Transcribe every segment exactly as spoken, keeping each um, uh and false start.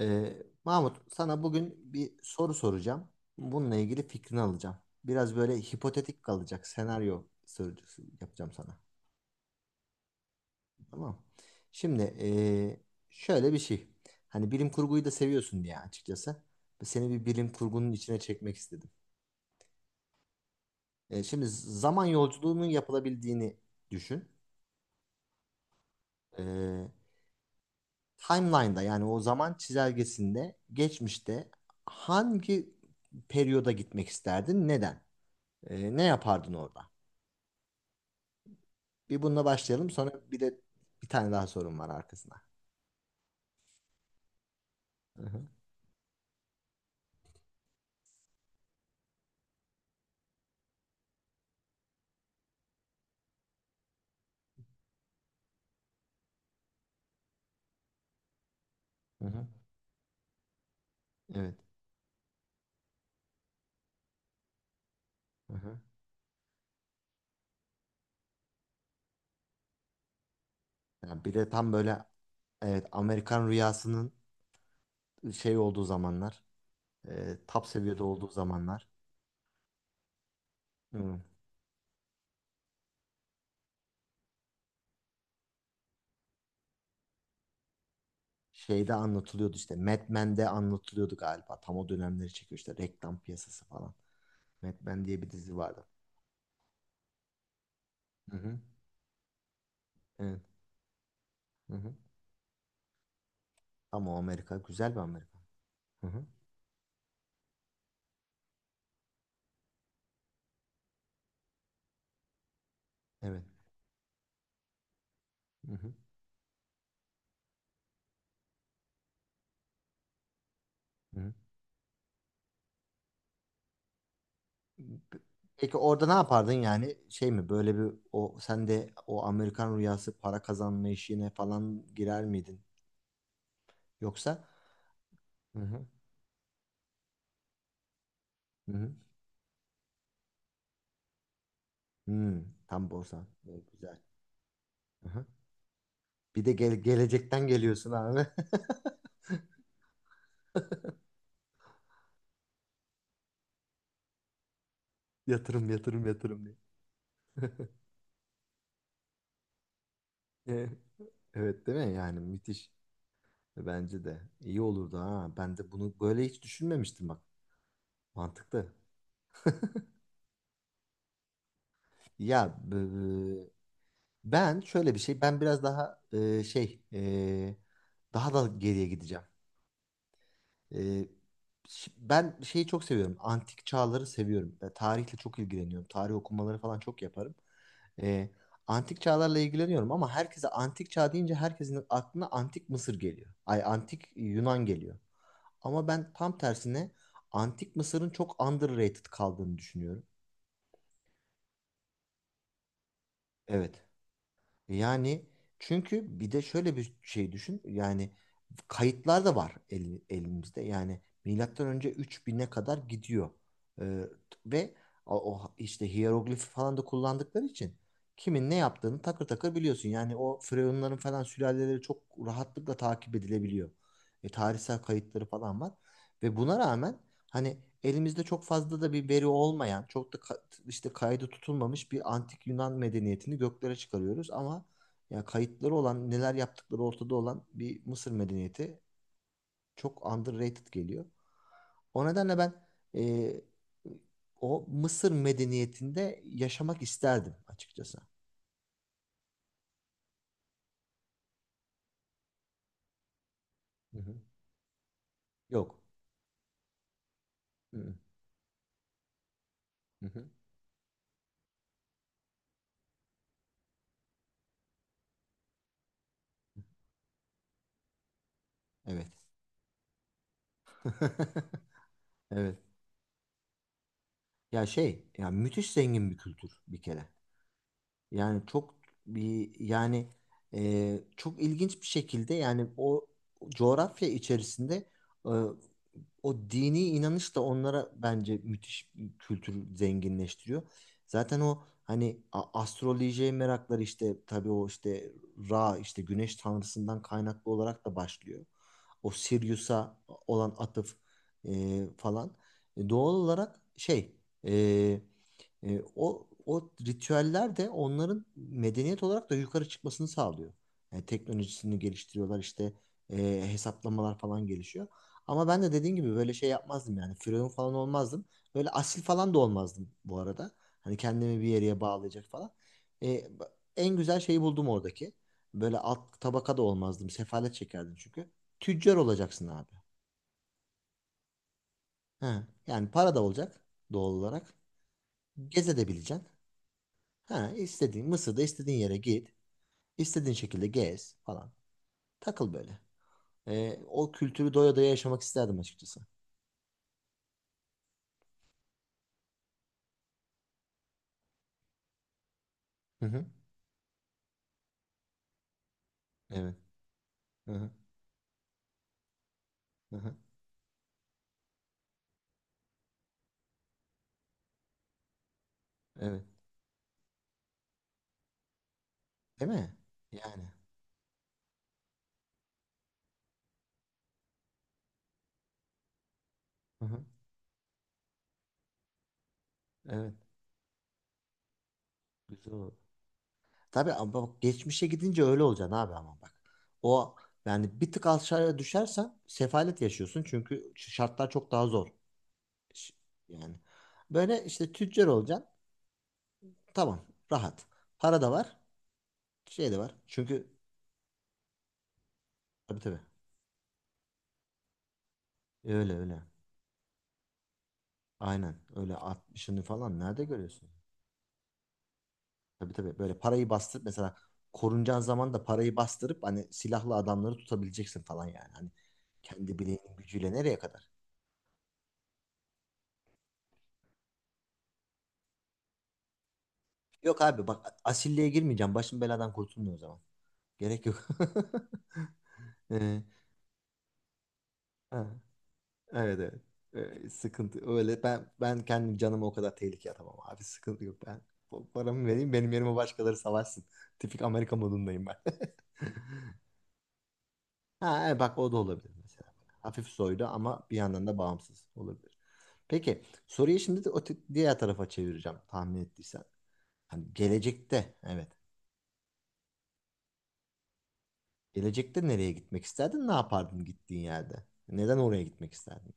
Ee, Mahmut, sana bugün bir soru soracağım. Bununla ilgili fikrini alacağım. Biraz böyle hipotetik kalacak senaryo sorucusu yapacağım sana. Tamam mı? Şimdi ee, şöyle bir şey. Hani bilim kurguyu da seviyorsun diye açıkçası. Seni bir bilim kurgunun içine çekmek istedim. Ee, şimdi zaman yolculuğunun yapılabildiğini düşün. Ee, Timeline'da yani o zaman çizelgesinde geçmişte hangi periyoda gitmek isterdin? Neden? Ee, ne yapardın orada? Bir bununla başlayalım. Sonra bir de bir tane daha sorum var arkasına. Hı hı, hı hı. Evet. Hı hı. Yani bir de tam böyle evet Amerikan rüyasının şey olduğu zamanlar, e, top seviyede olduğu zamanlar. Hı. Şeyde anlatılıyordu işte. Mad Men'de anlatılıyordu galiba. Tam o dönemleri çekiyor işte reklam piyasası falan. Mad Men diye bir dizi vardı. Hı hı. Evet. Hı hı. Ama o Amerika güzel bir Amerika. Hı hı. Evet. Hı hı. Hı hı. Peki orada ne yapardın yani şey mi böyle bir o sen de o Amerikan rüyası para kazanma işine falan girer miydin yoksa? Hı hı. Hı hı. Hmm, tam borsa. Evet, güzel. Hı hı. Bir de gele- gelecekten geliyorsun abi. Yatırım yatırım yatırım diye. Evet. Evet, değil mi yani müthiş. Bence de iyi olurdu ha. Ben de bunu böyle hiç düşünmemiştim bak. Mantıklı. Ya, ben şöyle bir şey, ben biraz daha e, şey, e, daha da geriye gideceğim. E, ş- Ben şeyi çok seviyorum, antik çağları seviyorum. E, tarihle çok ilgileniyorum, tarih okumaları falan çok yaparım. E, Antik çağlarla ilgileniyorum ama herkese antik çağ deyince herkesin aklına antik Mısır geliyor. Ay antik Yunan geliyor. Ama ben tam tersine antik Mısır'ın çok underrated kaldığını düşünüyorum. Evet. Yani çünkü bir de şöyle bir şey düşün. Yani kayıtlar da var el- elimizde. Yani milattan önce üç bin'e kadar gidiyor. Ee, Ve o, o işte hieroglifi falan da kullandıkları için kimin ne yaptığını takır takır biliyorsun. Yani o firavunların falan sülaleleri çok rahatlıkla takip edilebiliyor. E, tarihsel kayıtları falan var. Ve buna rağmen hani elimizde çok fazla da bir veri olmayan, çok da ka- işte kaydı tutulmamış bir antik Yunan medeniyetini göklere çıkarıyoruz ama ya kayıtları olan, neler yaptıkları ortada olan bir Mısır medeniyeti çok underrated geliyor. O nedenle ben e, o Mısır medeniyetinde yaşamak isterdim açıkçası. Hı hı. Yok. Hı hı. Hı hı. Evet. Evet. Ya şey, ya müthiş zengin bir kültür bir kere. Yani çok bir yani e, çok ilginç bir şekilde yani o coğrafya içerisinde e, o dini inanış da onlara bence müthiş bir kültür zenginleştiriyor. Zaten o hani a- astrolojiye merakları işte tabii o işte Ra işte güneş tanrısından kaynaklı olarak da başlıyor. O Sirius'a olan atıf e, falan. E, doğal olarak şey e, o o ritüeller de onların medeniyet olarak da yukarı çıkmasını sağlıyor. E, teknolojisini geliştiriyorlar işte e, hesaplamalar falan gelişiyor. Ama ben de dediğin gibi böyle şey yapmazdım yani firavun falan olmazdım. Böyle asil falan da olmazdım bu arada. Hani kendimi bir yere bağlayacak falan. E, En güzel şeyi buldum oradaki. Böyle alt tabaka da olmazdım. Sefalet çekerdim çünkü. Tüccar olacaksın abi. He, yani para da olacak doğal olarak. Gezedebileceksin. Ha, istediğin Mısır'da istediğin yere git. İstediğin şekilde gez falan. Takıl böyle. Ee, o kültürü doya doya yaşamak isterdim açıkçası. Hı hı. Evet. Hı hı. Hı hı. Evet. Değil mi? Yani. Hı hı. Evet. Güzel olur. Tabii ama bak geçmişe gidince öyle olacaksın abi ama bak. O yani bir tık aşağıya düşersen sefalet yaşıyorsun çünkü ş- şartlar çok daha zor. Ş- Yani böyle işte tüccar olacaksın. Tamam. Rahat. Para da var. Şey de var. Çünkü tabii tabii. Öyle öyle. Aynen. Öyle altmışını falan nerede görüyorsun? Tabii tabii. Böyle parayı bastırıp mesela korunacağın zaman da parayı bastırıp hani silahlı adamları tutabileceksin falan yani. Hani kendi bileğinin gücüyle nereye kadar? Yok abi bak asilliğe girmeyeceğim. Başım beladan kurtulmuyor o zaman. Gerek yok. Ee, ha, evet evet. Ee, sıkıntı öyle, ben ben kendim canımı o kadar tehlikeye atamam abi sıkıntı yok ben paramı vereyim benim yerime başkaları savaşsın tipik Amerika modundayım ben Ha, e, bak o da olabilir mesela. Hafif soylu ama bir yandan da bağımsız olabilir. Peki soruyu şimdi de o t- diğer tarafa çevireceğim tahmin ettiysen. Hani gelecekte evet. Gelecekte nereye gitmek isterdin? Ne yapardın gittiğin yerde? Neden oraya gitmek isterdin?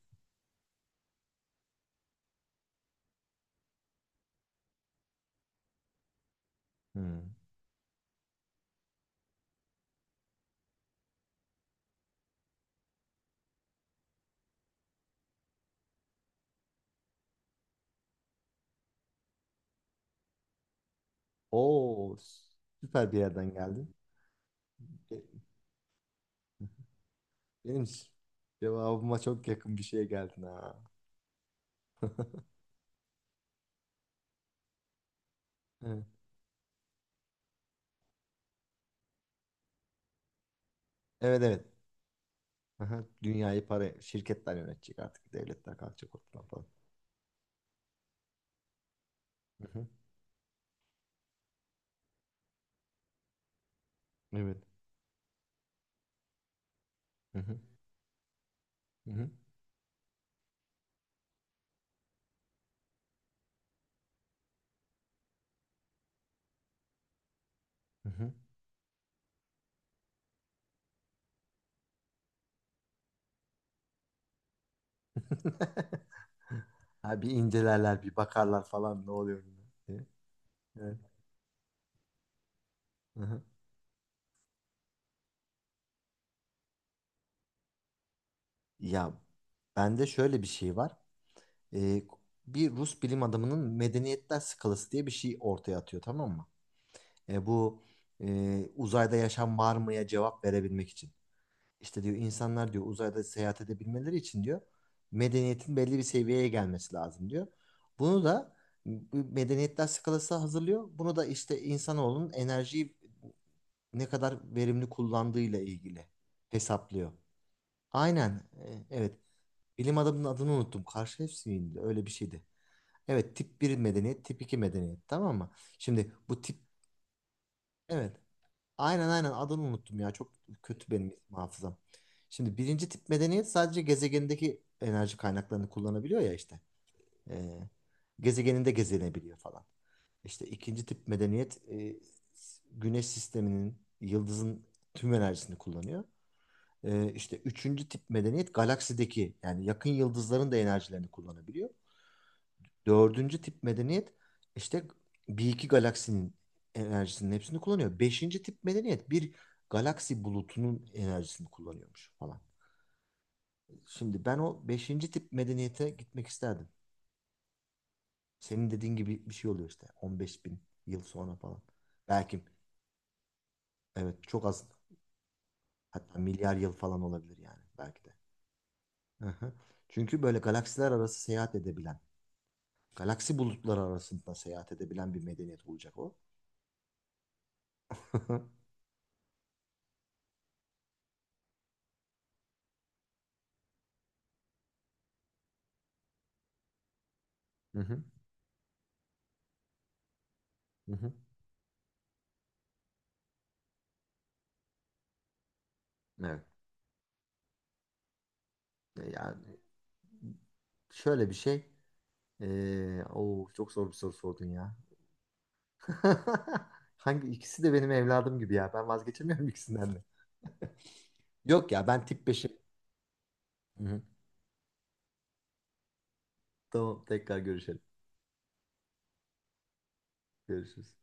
Hmm. Oo, süper bir yerden geldin. Be- Benim cevabıma çok yakın bir şeye geldin ha. Evet, evet, evet. Aha, dünyayı para şirketler yönetecek artık. Devletler kalkacak ortadan falan. Hı hı, evet. Hı hı. Hı hı. Hı hı. Ha, bir incelerler, bir bakarlar falan ne oluyor buna diye. Evet. Hı hı. Ya bende şöyle bir şey var. Ee, Bir Rus bilim adamının medeniyetler skalası diye bir şey ortaya atıyor tamam mı? E, bu e, uzayda yaşam var mıya cevap verebilmek için. İşte diyor insanlar diyor uzayda seyahat edebilmeleri için diyor medeniyetin belli bir seviyeye gelmesi lazım diyor. Bunu da bu medeniyetler skalası hazırlıyor. Bunu da işte insanoğlunun enerjiyi ne kadar verimli kullandığıyla ilgili hesaplıyor. Aynen. e, Evet. Bilim adamının adını unuttum. Karşıyevsky'ydi. Öyle bir şeydi. Evet, tip bir medeniyet, tip iki medeniyet. Tamam mı? Şimdi bu tip evet. Aynen aynen adını unuttum ya. Çok kötü benim isim hafızam. Şimdi birinci tip medeniyet sadece gezegenindeki enerji kaynaklarını kullanabiliyor ya işte. Ee, Gezegeninde gezinebiliyor falan. İşte ikinci tip medeniyet e, güneş sisteminin, yıldızın tüm enerjisini kullanıyor. Ee, işte üçüncü tip medeniyet galaksideki yani yakın yıldızların da enerjilerini kullanabiliyor. Dördüncü tip medeniyet işte bir iki galaksinin enerjisinin hepsini kullanıyor. Beşinci tip medeniyet bir galaksi bulutunun enerjisini kullanıyormuş falan. Şimdi ben o beşinci tip medeniyete gitmek isterdim. Senin dediğin gibi bir şey oluyor işte on beş bin yıl sonra falan. Belki evet çok az hatta milyar yıl falan olabilir yani belki de. Hı hı. Çünkü böyle galaksiler arası seyahat edebilen galaksi bulutları arasında seyahat edebilen bir medeniyet olacak o. Hı hı, hı hı. Evet. E, Yani şöyle bir şey. Ee, oo, çok zor bir soru sordun ya. Hangi ikisi de benim evladım gibi ya. Ben vazgeçemiyorum ikisinden de. Yok ya ben tip beşi. Tamam tekrar görüşelim. Görüşürüz.